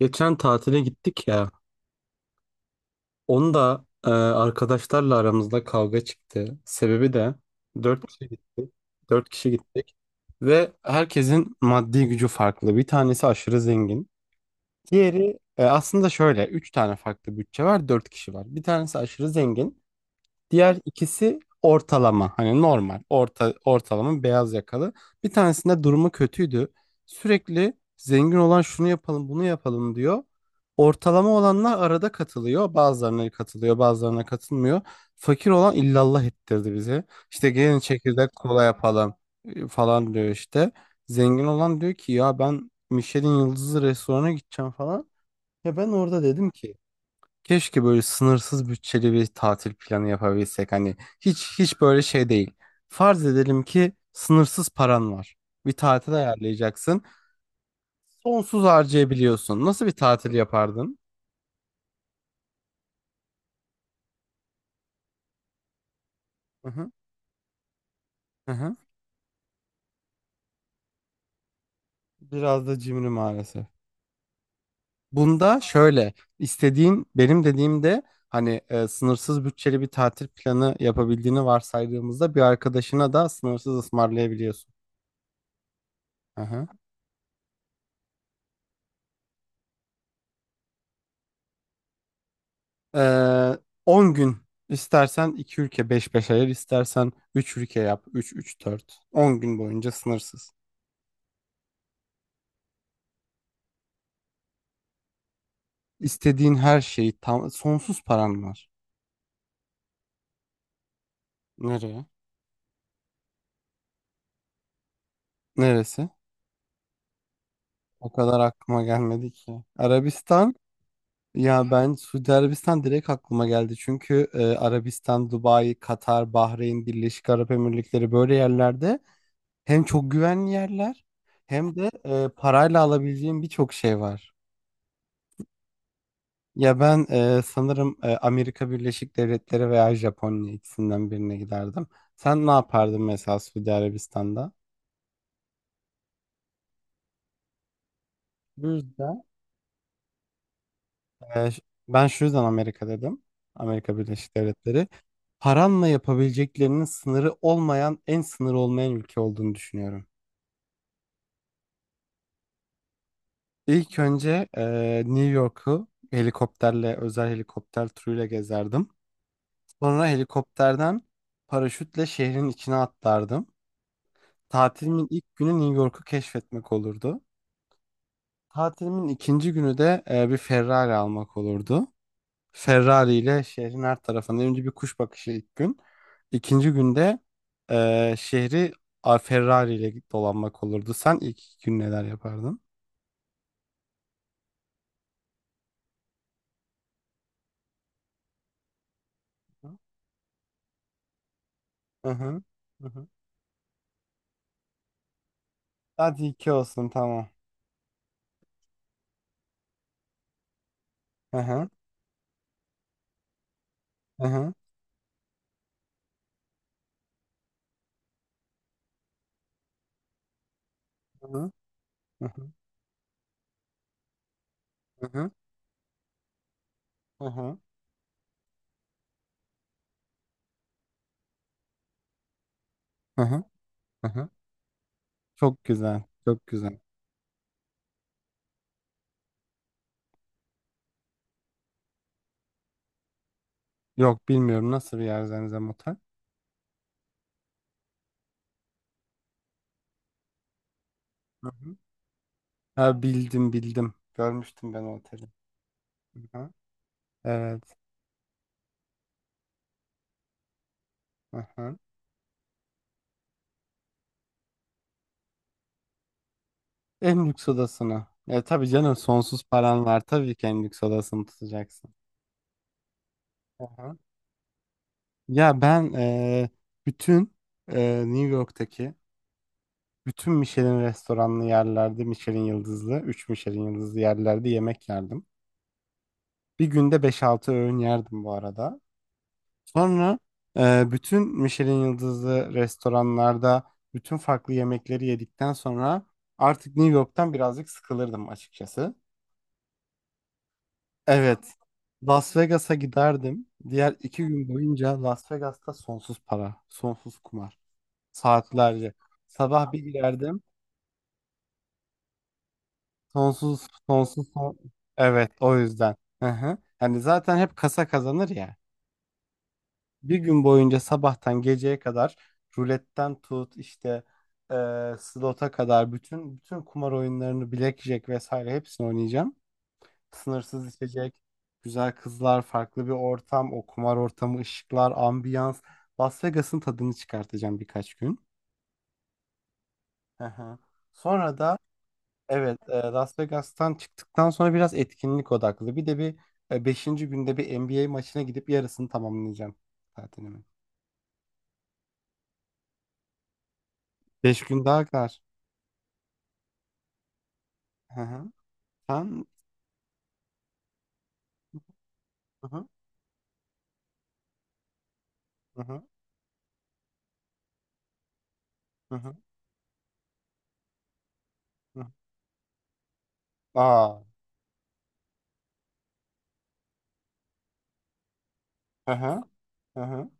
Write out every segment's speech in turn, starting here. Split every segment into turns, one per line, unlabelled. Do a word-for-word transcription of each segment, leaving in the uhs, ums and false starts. Geçen tatile gittik ya. Onu da e, arkadaşlarla aramızda kavga çıktı. Sebebi de dört kişi gittik. Dört kişi gittik. Ve herkesin maddi gücü farklı. Bir tanesi aşırı zengin. Diğeri e, aslında şöyle. Üç tane farklı bütçe var. Dört kişi var. Bir tanesi aşırı zengin. Diğer ikisi ortalama, hani normal orta ortalama beyaz yakalı. Bir tanesinde durumu kötüydü. Sürekli zengin olan şunu yapalım bunu yapalım diyor. Ortalama olanlar arada katılıyor. Bazılarına katılıyor, bazılarına katılmıyor. Fakir olan illallah ettirdi bize. İşte gelin çekirdek kola yapalım e, falan diyor işte. Zengin olan diyor ki ya ben Michelin yıldızlı restorana gideceğim falan. Ya ben orada dedim ki keşke böyle sınırsız bütçeli bir tatil planı yapabilsek. Hani hiç hiç böyle şey değil. Farz edelim ki sınırsız paran var. Bir tatil ayarlayacaksın. Sonsuz harcayabiliyorsun. Nasıl bir tatil yapardın? Hı hı, hı hı. Biraz da cimri maalesef. Bunda şöyle istediğin benim dediğimde hani e, sınırsız bütçeli bir tatil planı yapabildiğini varsaydığımızda bir arkadaşına da sınırsız ısmarlayabiliyorsun. Aha. Ee, on gün istersen iki ülke beş beş ayır, istersen üç ülke yap üç üç dört on gün boyunca sınırsız. İstediğin her şeyi tam sonsuz paran var. Nereye? Neresi? O kadar aklıma gelmedi ki. Arabistan, ya ben Suudi Arabistan direkt aklıma geldi. Çünkü e, Arabistan, Dubai, Katar, Bahreyn, Birleşik Arap Emirlikleri böyle yerlerde hem çok güvenli yerler hem de e, parayla alabileceğin birçok şey var. Ya ben e, sanırım e, Amerika Birleşik Devletleri veya Japonya ikisinden birine giderdim. Sen ne yapardın mesela Suudi Arabistan'da? Bu yüzden E, ş- ben şu yüzden Amerika dedim. Amerika Birleşik Devletleri. Paranla yapabileceklerinin sınırı olmayan, en sınırı olmayan ülke olduğunu düşünüyorum. İlk önce e, New York'u helikopterle, özel helikopter turuyla gezerdim. Sonra helikopterden paraşütle şehrin içine atlardım. Tatilimin ilk günü New York'u keşfetmek olurdu. Tatilimin ikinci günü de e, bir Ferrari almak olurdu. Ferrari ile şehrin her tarafında önce bir kuş bakışı ilk gün. İkinci günde e, şehri a, Ferrari ile dolanmak olurdu. Sen ilk iki gün neler yapardın? Hı hı. Hı hı. Hadi iki olsun, tamam. Hı hı. Hı hı. Hı hı. Hı hı. Hı hı. Hı hı. Hı hı. Hı hı. Çok güzel. Çok güzel. Yok bilmiyorum nasıl bir yer Zemzem Otel. Hı hı. Ha, bildim bildim. Görmüştüm ben o oteli. Hı-hı. Evet. Hı-hı. En lüks odasını. E, tabii canım sonsuz paran var. Tabii ki en lüks odasını tutacaksın. Hı-hı. Ya ben e, bütün e, New York'taki bütün Michelin restoranlı yerlerde Michelin yıldızlı, üç Michelin yıldızlı yerlerde yemek yerdim. Bir günde beş altı öğün yerdim bu arada. Sonra e, bütün Michelin yıldızlı restoranlarda bütün farklı yemekleri yedikten sonra artık New York'tan birazcık sıkılırdım açıkçası. Evet, Las Vegas'a giderdim. Diğer iki gün boyunca Las Vegas'ta sonsuz para, sonsuz kumar. Saatlerce. Sabah bir girerdim. Sonsuz, sonsuz, son- Evet, o yüzden. Hı hı. Yani zaten hep kasa kazanır ya. Bir gün boyunca sabahtan geceye kadar ruletten tut işte e, slota kadar bütün bütün kumar oyunlarını, blackjack vesaire hepsini oynayacağım. Sınırsız içecek, güzel kızlar, farklı bir ortam, o kumar ortamı, ışıklar, ambiyans. Las Vegas'ın tadını çıkartacağım birkaç gün. Hı hı. Sonra da evet, e, Las Vegas'tan çıktıktan sonra biraz etkinlik odaklı. Bir de bir e, beşinci günde bir N B A maçına gidip yarısını tamamlayacağım tatilimi. Beş gün daha kar. Hı hı. Sen... Hı hı, hı hı, hı hı, hı hı. Aa. Hı hı, hı hı,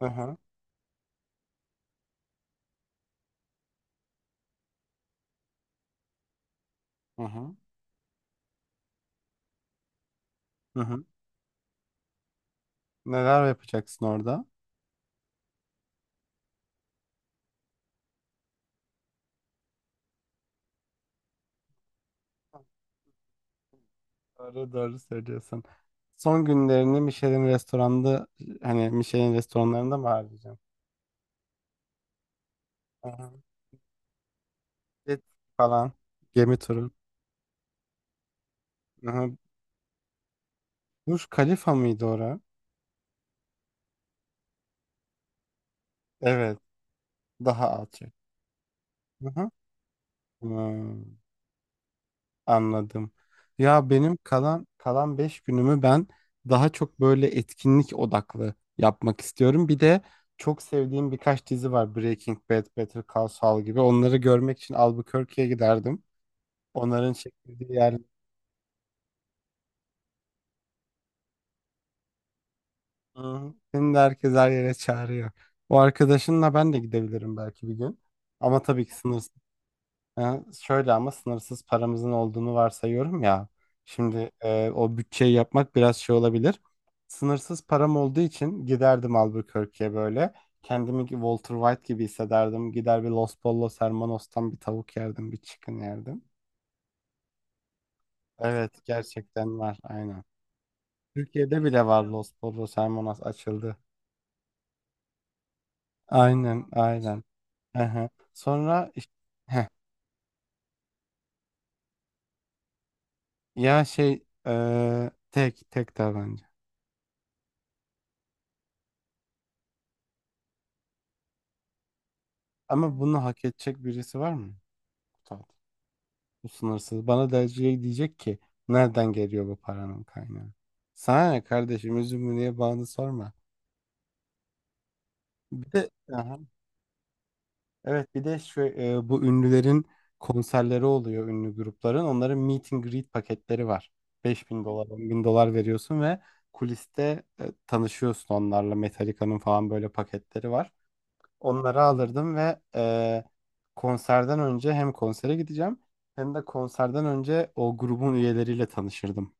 hı hı, hı hı, hı hı. Neler yapacaksın orada? Doğru doğru söylüyorsun. Son günlerini Michelin restoranda hani Michelin restoranlarında mı harcayacaksın? Hı hı. Jet falan. Gemi turu. Hı hı. Burj Khalifa mıydı orası? Evet. Daha alçak. Hı hı. Hmm. Anladım. Ya benim kalan kalan beş günümü ben daha çok böyle etkinlik odaklı yapmak istiyorum. Bir de çok sevdiğim birkaç dizi var. Breaking Bad, Better Call Saul gibi. Onları görmek için Albuquerque'ye giderdim. Onların çekildiği yer. Hı, şimdi herkes her yere çağırıyor. O arkadaşınla ben de gidebilirim belki bir gün. Ama tabii ki sınırsız. Ha, şöyle ama sınırsız paramızın olduğunu varsayıyorum ya. Şimdi e, o bütçeyi yapmak biraz şey olabilir. Sınırsız param olduğu için giderdim Albuquerque'ye böyle. Kendimi ki Walter White gibi hissederdim. Gider bir Los Pollos Hermanos'tan bir tavuk yerdim, bir chicken yerdim. Evet, gerçekten var, aynen. Türkiye'de bile var, Los Pollos Hermanos açıldı. Aynen, aynen. Hı hı. Sonra iş- heh, ya şey, e, tek tek tabanca. Ama bunu hak edecek birisi var mı? Kutsal. Bu sınırsız. Bana da şey diyecek ki nereden geliyor bu paranın kaynağı? Sana ne kardeşim, üzümü niye bağını sorma. Bir de aha, evet, bir de şu, e, bu ünlülerin konserleri oluyor, ünlü grupların. Onların meet and greet paketleri var. Beş bin dolar, on bin dolar veriyorsun ve kuliste e, tanışıyorsun onlarla. Metallica'nın falan böyle paketleri var. Onları alırdım ve e, konserden önce hem konsere gideceğim hem de konserden önce o grubun üyeleriyle tanışırdım.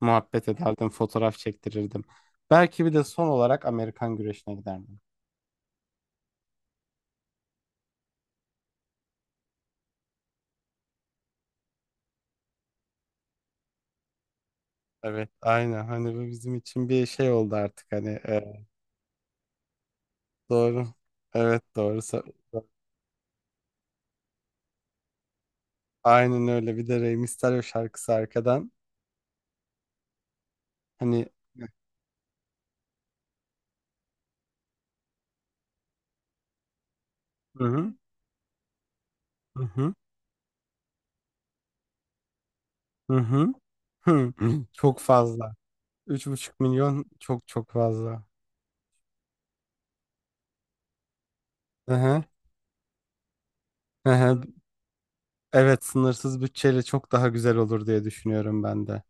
Muhabbet ederdim, fotoğraf çektirirdim. Belki bir de son olarak Amerikan güreşine giderdim. Evet, aynen. Hani bu bizim için bir şey oldu artık. Hani e, doğru. Evet, doğru. Sa- Aynen öyle. Bir de Rey Mysterio şarkısı arkadan. Hani. Hı hı, hı hı, hı hı. Hı. Çok fazla. Üç buçuk milyon çok çok fazla. Hı hı, hı hı. Evet, sınırsız bütçeyle çok daha güzel olur diye düşünüyorum ben de.